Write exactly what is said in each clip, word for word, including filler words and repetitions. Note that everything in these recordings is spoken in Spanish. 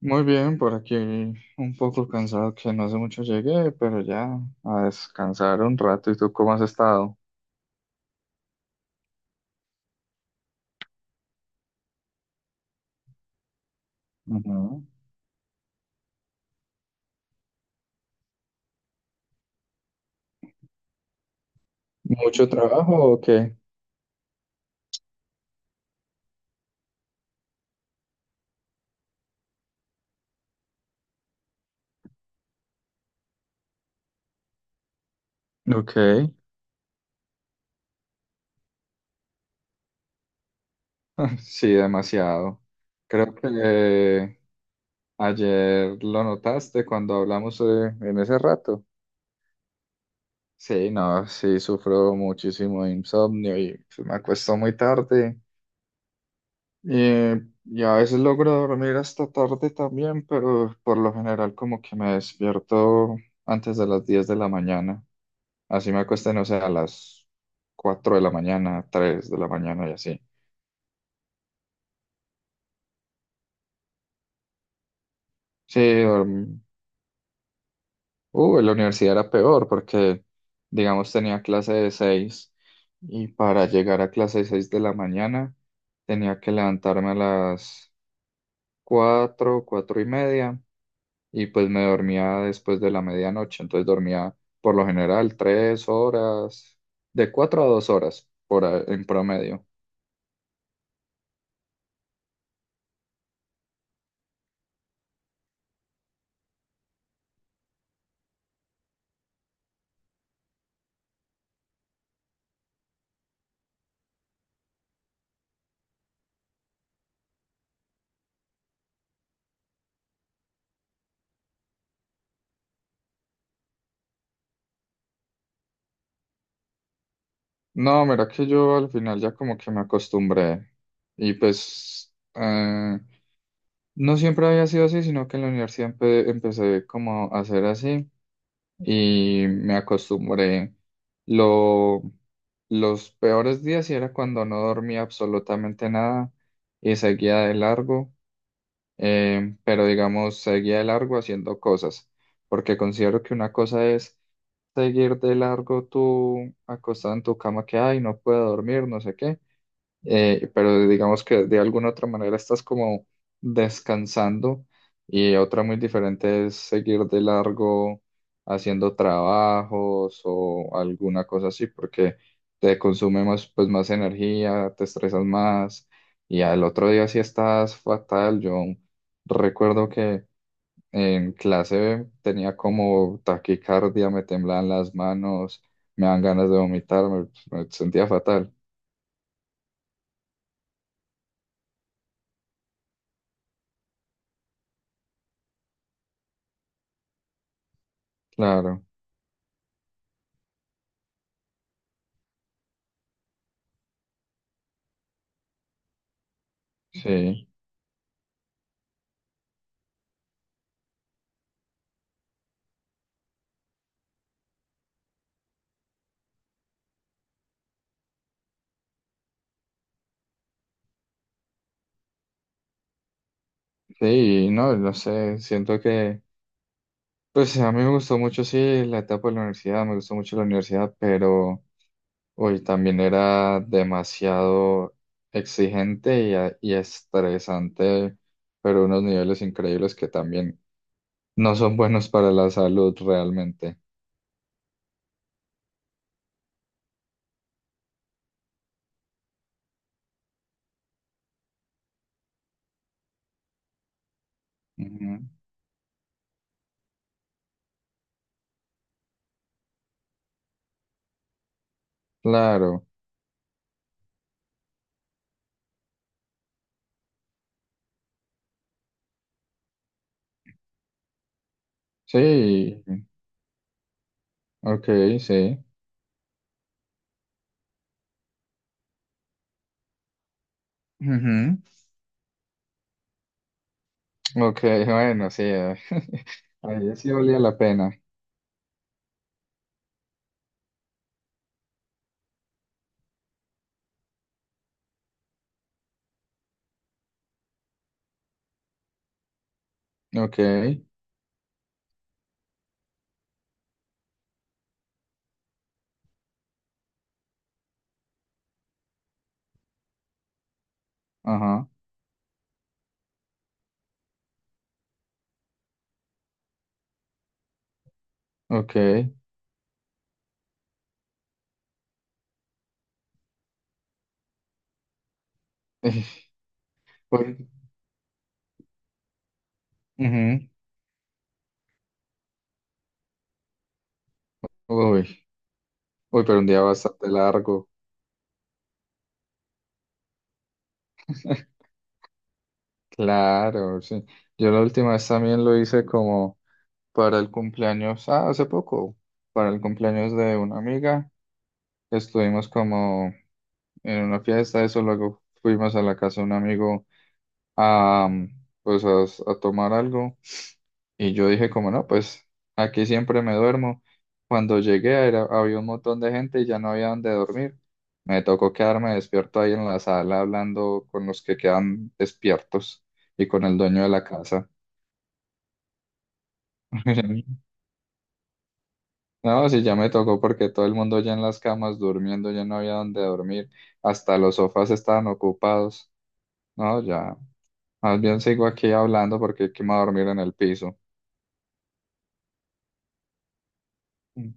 Muy bien, por aquí un poco cansado que no hace mucho llegué, pero ya a descansar un rato. ¿Y tú cómo has estado? Ujú. ¿Mucho trabajo o qué? Ok, sí, demasiado. Creo que ayer lo notaste cuando hablamos eh, en ese rato. Sí, no, sí, sufro muchísimo de insomnio y pues, me acuesto muy tarde. Eh, y a veces logro dormir hasta tarde también, pero por lo general como que me despierto antes de las diez de la mañana. Así me acuesto, no sé, a las cuatro de la mañana, tres de la mañana y así. Sí, dorm- uh, en la universidad era peor porque, digamos, tenía clase de seis y para llegar a clase de seis de la mañana tenía que levantarme a las cuatro cuatro y media y pues me dormía después de la medianoche, entonces dormía por lo general tres horas, de cuatro a dos horas por a- en promedio. No, mira que yo al final ya como que me acostumbré y pues eh, no siempre había sido así, sino que en la universidad empe- empecé como a hacer así y me acostumbré. Lo, los peores días sí era cuando no dormía absolutamente nada y seguía de largo. Eh, pero digamos, seguía de largo haciendo cosas, porque considero que una cosa es seguir de largo tú acostado en tu cama que, ay, no puedo dormir, no sé qué eh, pero digamos que de alguna otra manera estás como descansando y otra muy diferente es seguir de largo haciendo trabajos o alguna cosa así porque te consume más, pues, más energía, te estresas más y al otro día sí estás fatal. Yo recuerdo que en clase tenía como taquicardia, me temblaban las manos, me dan ganas de vomitar, me me sentía fatal. Claro, sí. Sí, no, no sé, siento que, pues a mí me gustó mucho, sí, la etapa de la universidad, me gustó mucho la universidad, pero hoy también era demasiado exigente y, a- y estresante, pero unos niveles increíbles que también no son buenos para la salud realmente. Ujú. Claro, sí, ok, sí. Ujú. Ok, bueno, sí, eh, ahí sí valía la pena. Ok, ajá, ok. Uy, ujú, uy, uy, pero un día bastante largo. Claro, sí. Yo la última vez también lo hice como para el cumpleaños, ah, hace poco, para el cumpleaños de una amiga. Estuvimos como en una fiesta, eso, luego fuimos a la casa de un amigo a, mm, pues a, a tomar algo. Y yo dije como no, pues aquí siempre me duermo. Cuando llegué, era- había un montón de gente y ya no había dónde dormir. Me tocó quedarme despierto ahí en la sala hablando con los que quedan despiertos y con el dueño de la casa. No, sí, ya me tocó porque todo el mundo ya en las camas durmiendo, ya no había dónde dormir. Hasta los sofás estaban ocupados. No, ya. Más bien sigo aquí hablando porque qué me voy a dormir en el piso. Mm.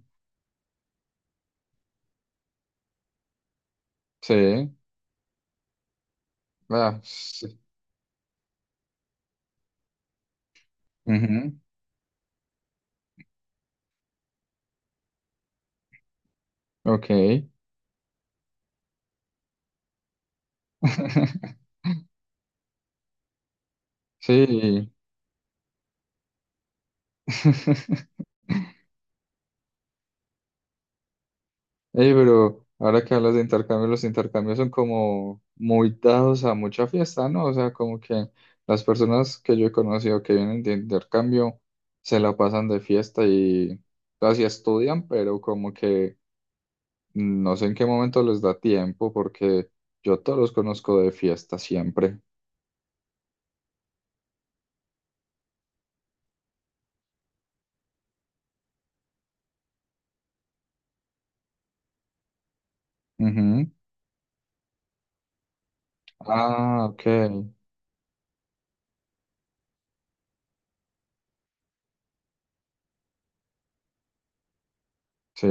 Sí, ah, sí. Ujú, ok. Sí. Ey, pero ahora que hablas de intercambios, los intercambios son como muy dados a mucha fiesta, ¿no? O sea, como que las personas que yo he conocido que vienen de intercambio se la pasan de fiesta y casi estudian, pero como que no sé en qué momento les da tiempo, porque yo todos los conozco de fiesta siempre. Ujú. Ah, ok. Sí.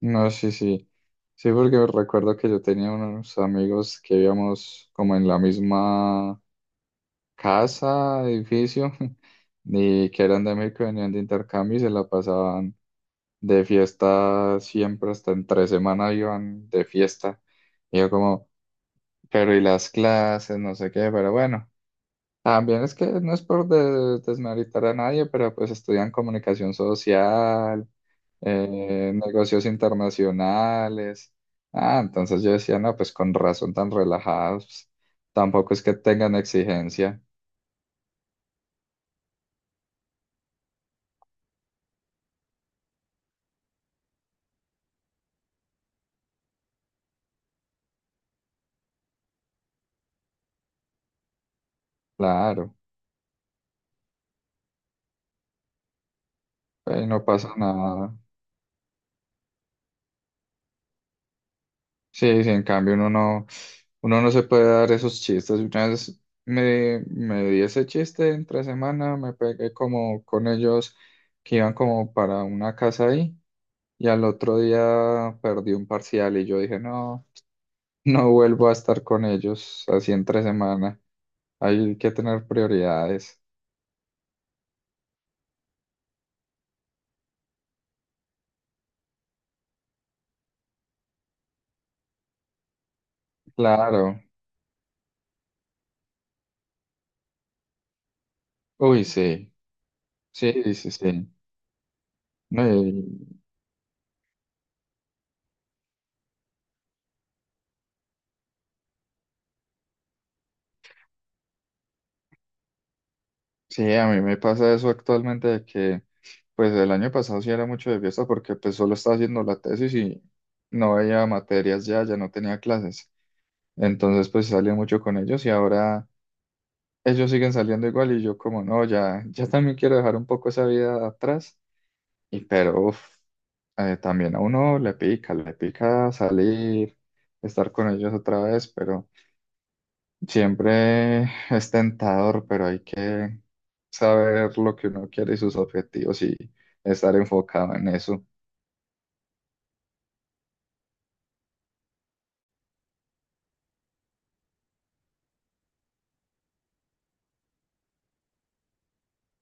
No, sí, sí. Sí, porque recuerdo que yo tenía unos amigos que vivíamos como en la misma casa, edificio, y que eran de México, y venían de intercambio y se la pasaban de fiesta siempre, hasta en tres semanas iban de fiesta. Y yo como, pero y las clases, no sé qué, pero bueno. También es que no es por de- desmeritar a nadie, pero pues estudian comunicación social, eh, negocios internacionales. Ah, entonces yo decía, no, pues con razón tan relajados, tampoco es que tengan exigencia, claro, ahí no pasa nada. Sí, sí, en cambio uno no, uno no se puede dar esos chistes. Una vez me, me di ese chiste entre semana, me pegué como con ellos que iban como para una casa ahí y al otro día perdí un parcial y yo dije, no, no vuelvo a estar con ellos así entre semana. Hay que tener prioridades. Claro. Uy, sí. Sí, sí, sí. No, y- sí, a mí me pasa eso actualmente de que, pues el año pasado sí era mucho de fiesta porque pues solo estaba haciendo la tesis y no veía materias ya, ya no tenía clases. Entonces pues salía mucho con ellos y ahora ellos siguen saliendo igual y yo como no, ya, ya también quiero dejar un poco esa vida atrás. Y pero, uf, eh, también a uno le pica, le pica salir, estar con ellos otra vez, pero. Siempre es tentador, pero hay que saber lo que uno quiere y sus objetivos y estar enfocado en eso.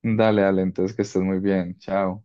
Dale, dale, entonces que estés muy bien. Chao.